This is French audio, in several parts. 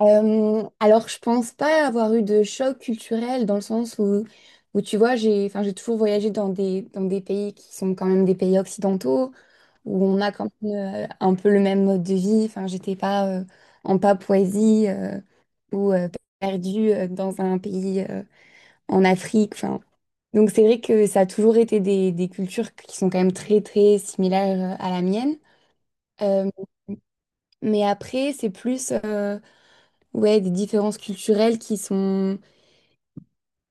Je pense pas avoir eu de choc culturel dans le sens où tu vois, enfin, j'ai toujours voyagé dans dans des pays qui sont quand même des pays occidentaux, où on a quand même un peu le même mode de vie. Enfin, j'étais pas en Papouasie ou perdue dans un pays en Afrique. Enfin, donc, c'est vrai que ça a toujours été des cultures qui sont quand même très, très similaires à la mienne. Euh, mais après, c'est plus ouais, des différences culturelles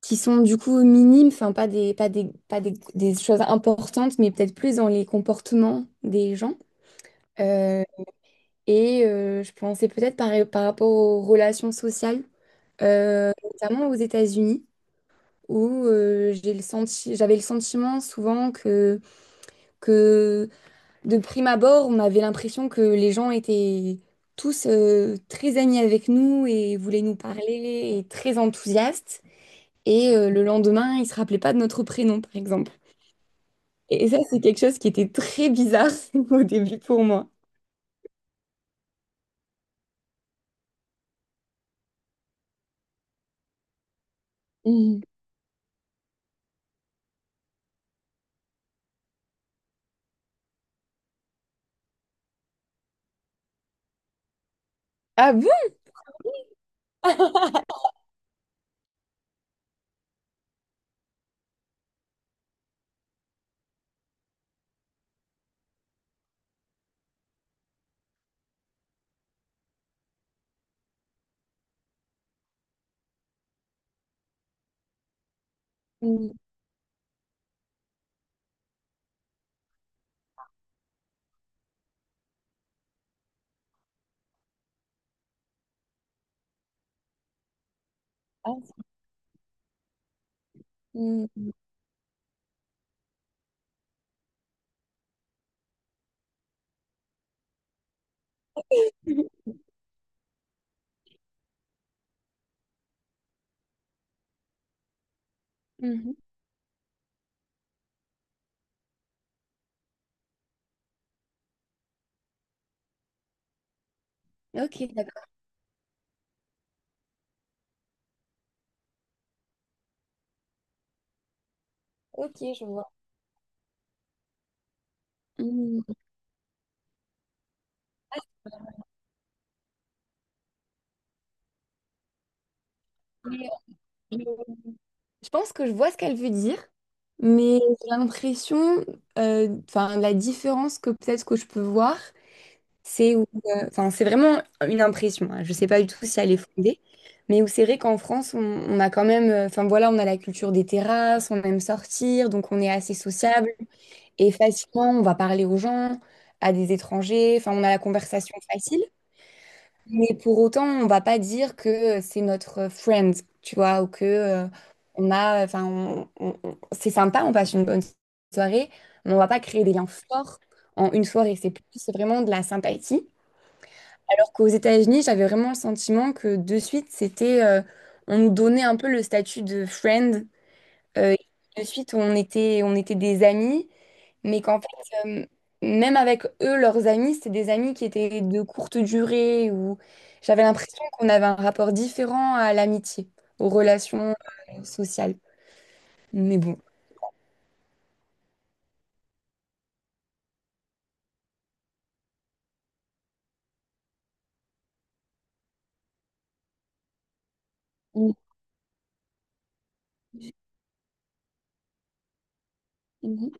qui sont du coup minimes, enfin pas des, pas des, pas des, des choses importantes, mais peut-être plus dans les comportements des gens. Euh, je pensais peut-être par rapport aux relations sociales, notamment aux États-Unis, où j'avais le sentiment souvent que de prime abord, on avait l'impression que les gens étaient tous très amis avec nous et voulaient nous parler et très enthousiastes. Et le lendemain, ils ne se rappelaient pas de notre prénom, par exemple. Et ça, c'est quelque chose qui était très bizarre au début pour moi. Mhm. Ah bon? Mhm. Ah, mhm. Mhm. Ok, d'accord. Ok, je vois. Mhm. Mais, euh, Je pense que je vois ce qu'elle veut dire, mais j'ai l'impression, enfin, la différence que peut-être que je peux voir, c'est où, enfin, c'est vraiment une impression, hein. Je ne sais pas du tout si elle est fondée, mais où c'est vrai qu'en France, on a quand même, enfin voilà, on a la culture des terrasses, on aime sortir, donc on est assez sociable. Et facilement, on va parler aux gens, à des étrangers, enfin, on a la conversation facile. Mais pour autant, on va pas dire que c'est notre friend, tu vois, ou que on a, c'est sympa, on passe une bonne soirée, mais on va pas créer des liens forts en une soirée. C'est plus vraiment de la sympathie. Alors qu'aux États-Unis, j'avais vraiment le sentiment que de suite, on nous donnait un peu le statut de friend. euh, de suite, on était des amis mais qu'en fait, euh, même avec eux, leurs amis, c'était des amis qui étaient de courte durée, ou j'avais l'impression qu'on avait un rapport différent à l'amitié, aux relations sociales. Mais bon. Mhm, mhm,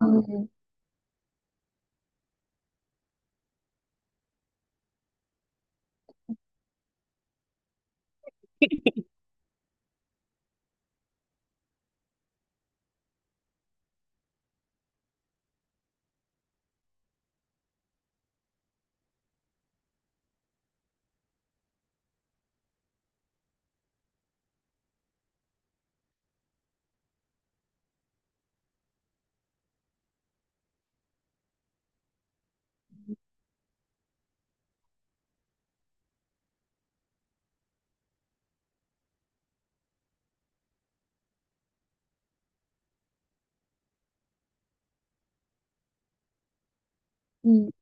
mhm, mhm.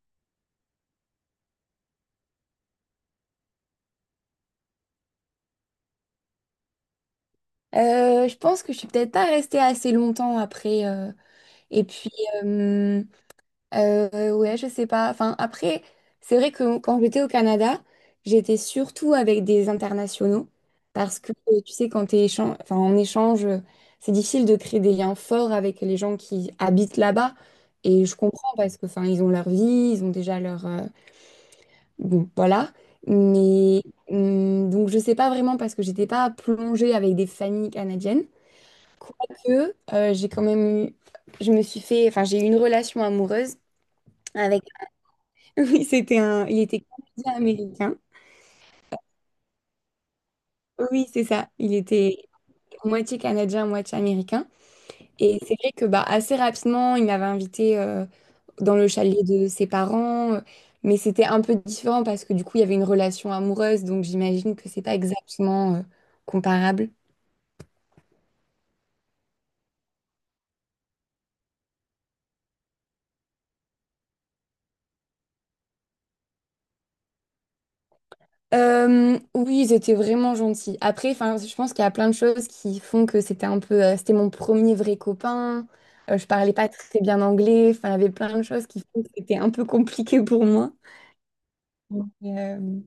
Je pense que je suis peut-être pas restée assez longtemps après. Et puis, euh, ouais, je sais pas. Enfin, après, c'est vrai que quand j'étais au Canada, j'étais surtout avec des internationaux parce que tu sais, quand enfin, en échange, c'est difficile de créer des liens forts avec les gens qui habitent là-bas. Et je comprends parce que, enfin, ils ont leur vie, ils ont déjà leur, bon, voilà. Mais donc, je sais pas vraiment parce que j'étais pas plongée avec des familles canadiennes. Quoique, j'ai quand même eu, je me suis fait, enfin, j'ai eu une relation amoureuse avec, oui, c'était un... Il était canadien-américain. Oui, c'est ça. Il était moitié canadien, moitié américain. Et c'est vrai que bah, assez rapidement, il m'avait invité dans le chalet de ses parents. Mais c'était un peu différent parce que du coup, il y avait une relation amoureuse. Donc j'imagine que c'est pas exactement comparable. Oui, ils étaient vraiment gentils. Après, enfin, je pense qu'il y a plein de choses qui font que c'était un peu, c'était mon premier vrai copain. Je parlais pas très bien anglais. Enfin, il y avait plein de choses qui font que c'était un peu compliqué pour moi. Mais, euh,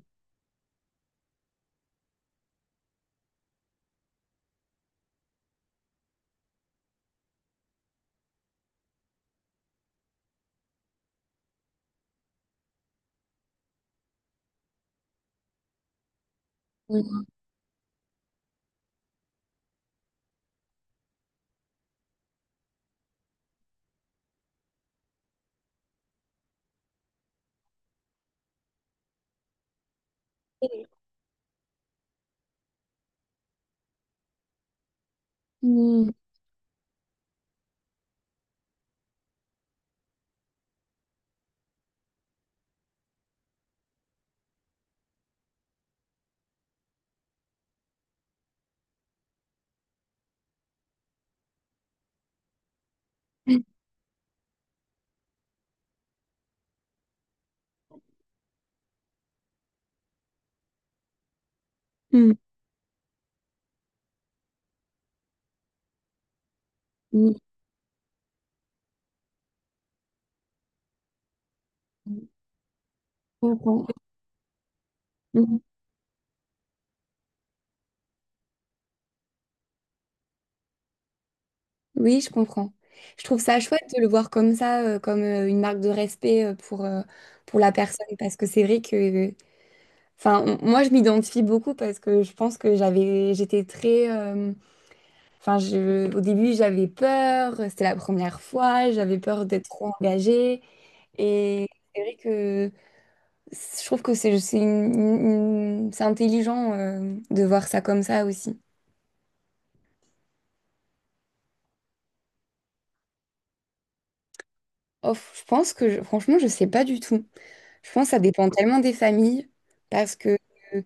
Mm. Mm. Mm. Mm. Je comprends. Mm. Oui, je comprends. Je trouve ça chouette de le voir comme ça, comme une marque de respect pour la personne, parce que c'est vrai que enfin, moi, je m'identifie beaucoup parce que je pense que j'étais très, enfin, je, au début, j'avais peur. C'était la première fois. J'avais peur d'être trop engagée. Et c'est vrai que je trouve que c'est c'est intelligent, de voir ça comme ça aussi. Oh, je pense que, franchement, je sais pas du tout. Je pense que ça dépend tellement des familles parce que, euh,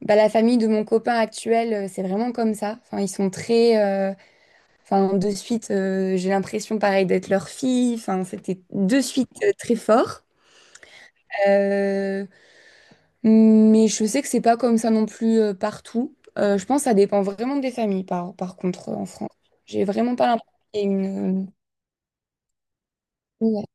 bah, la famille de mon copain actuel, c'est vraiment comme ça. Enfin, ils sont très, enfin, de suite, j'ai l'impression pareil d'être leur fille. Enfin, c'était de suite très fort. Euh, mais je sais que c'est pas comme ça non plus partout. Je pense que ça dépend vraiment des familles, par contre, en France. J'ai vraiment pas l'impression qu'il y ait une... Ouais.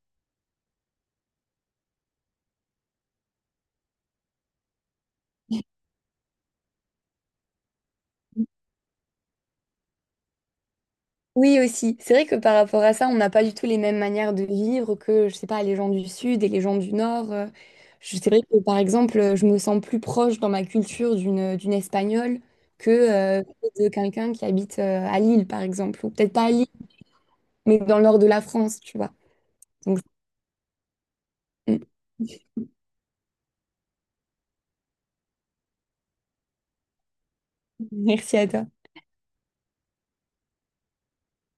Oui, aussi. C'est vrai que par rapport à ça, on n'a pas du tout les mêmes manières de vivre que, je sais pas, les gens du Sud et les gens du Nord. C'est vrai que, par exemple, je me sens plus proche dans ma culture d'une Espagnole que de quelqu'un qui habite à Lille, par exemple. Ou peut-être pas à Lille, mais dans le nord de la France, tu vois. Donc, merci à toi.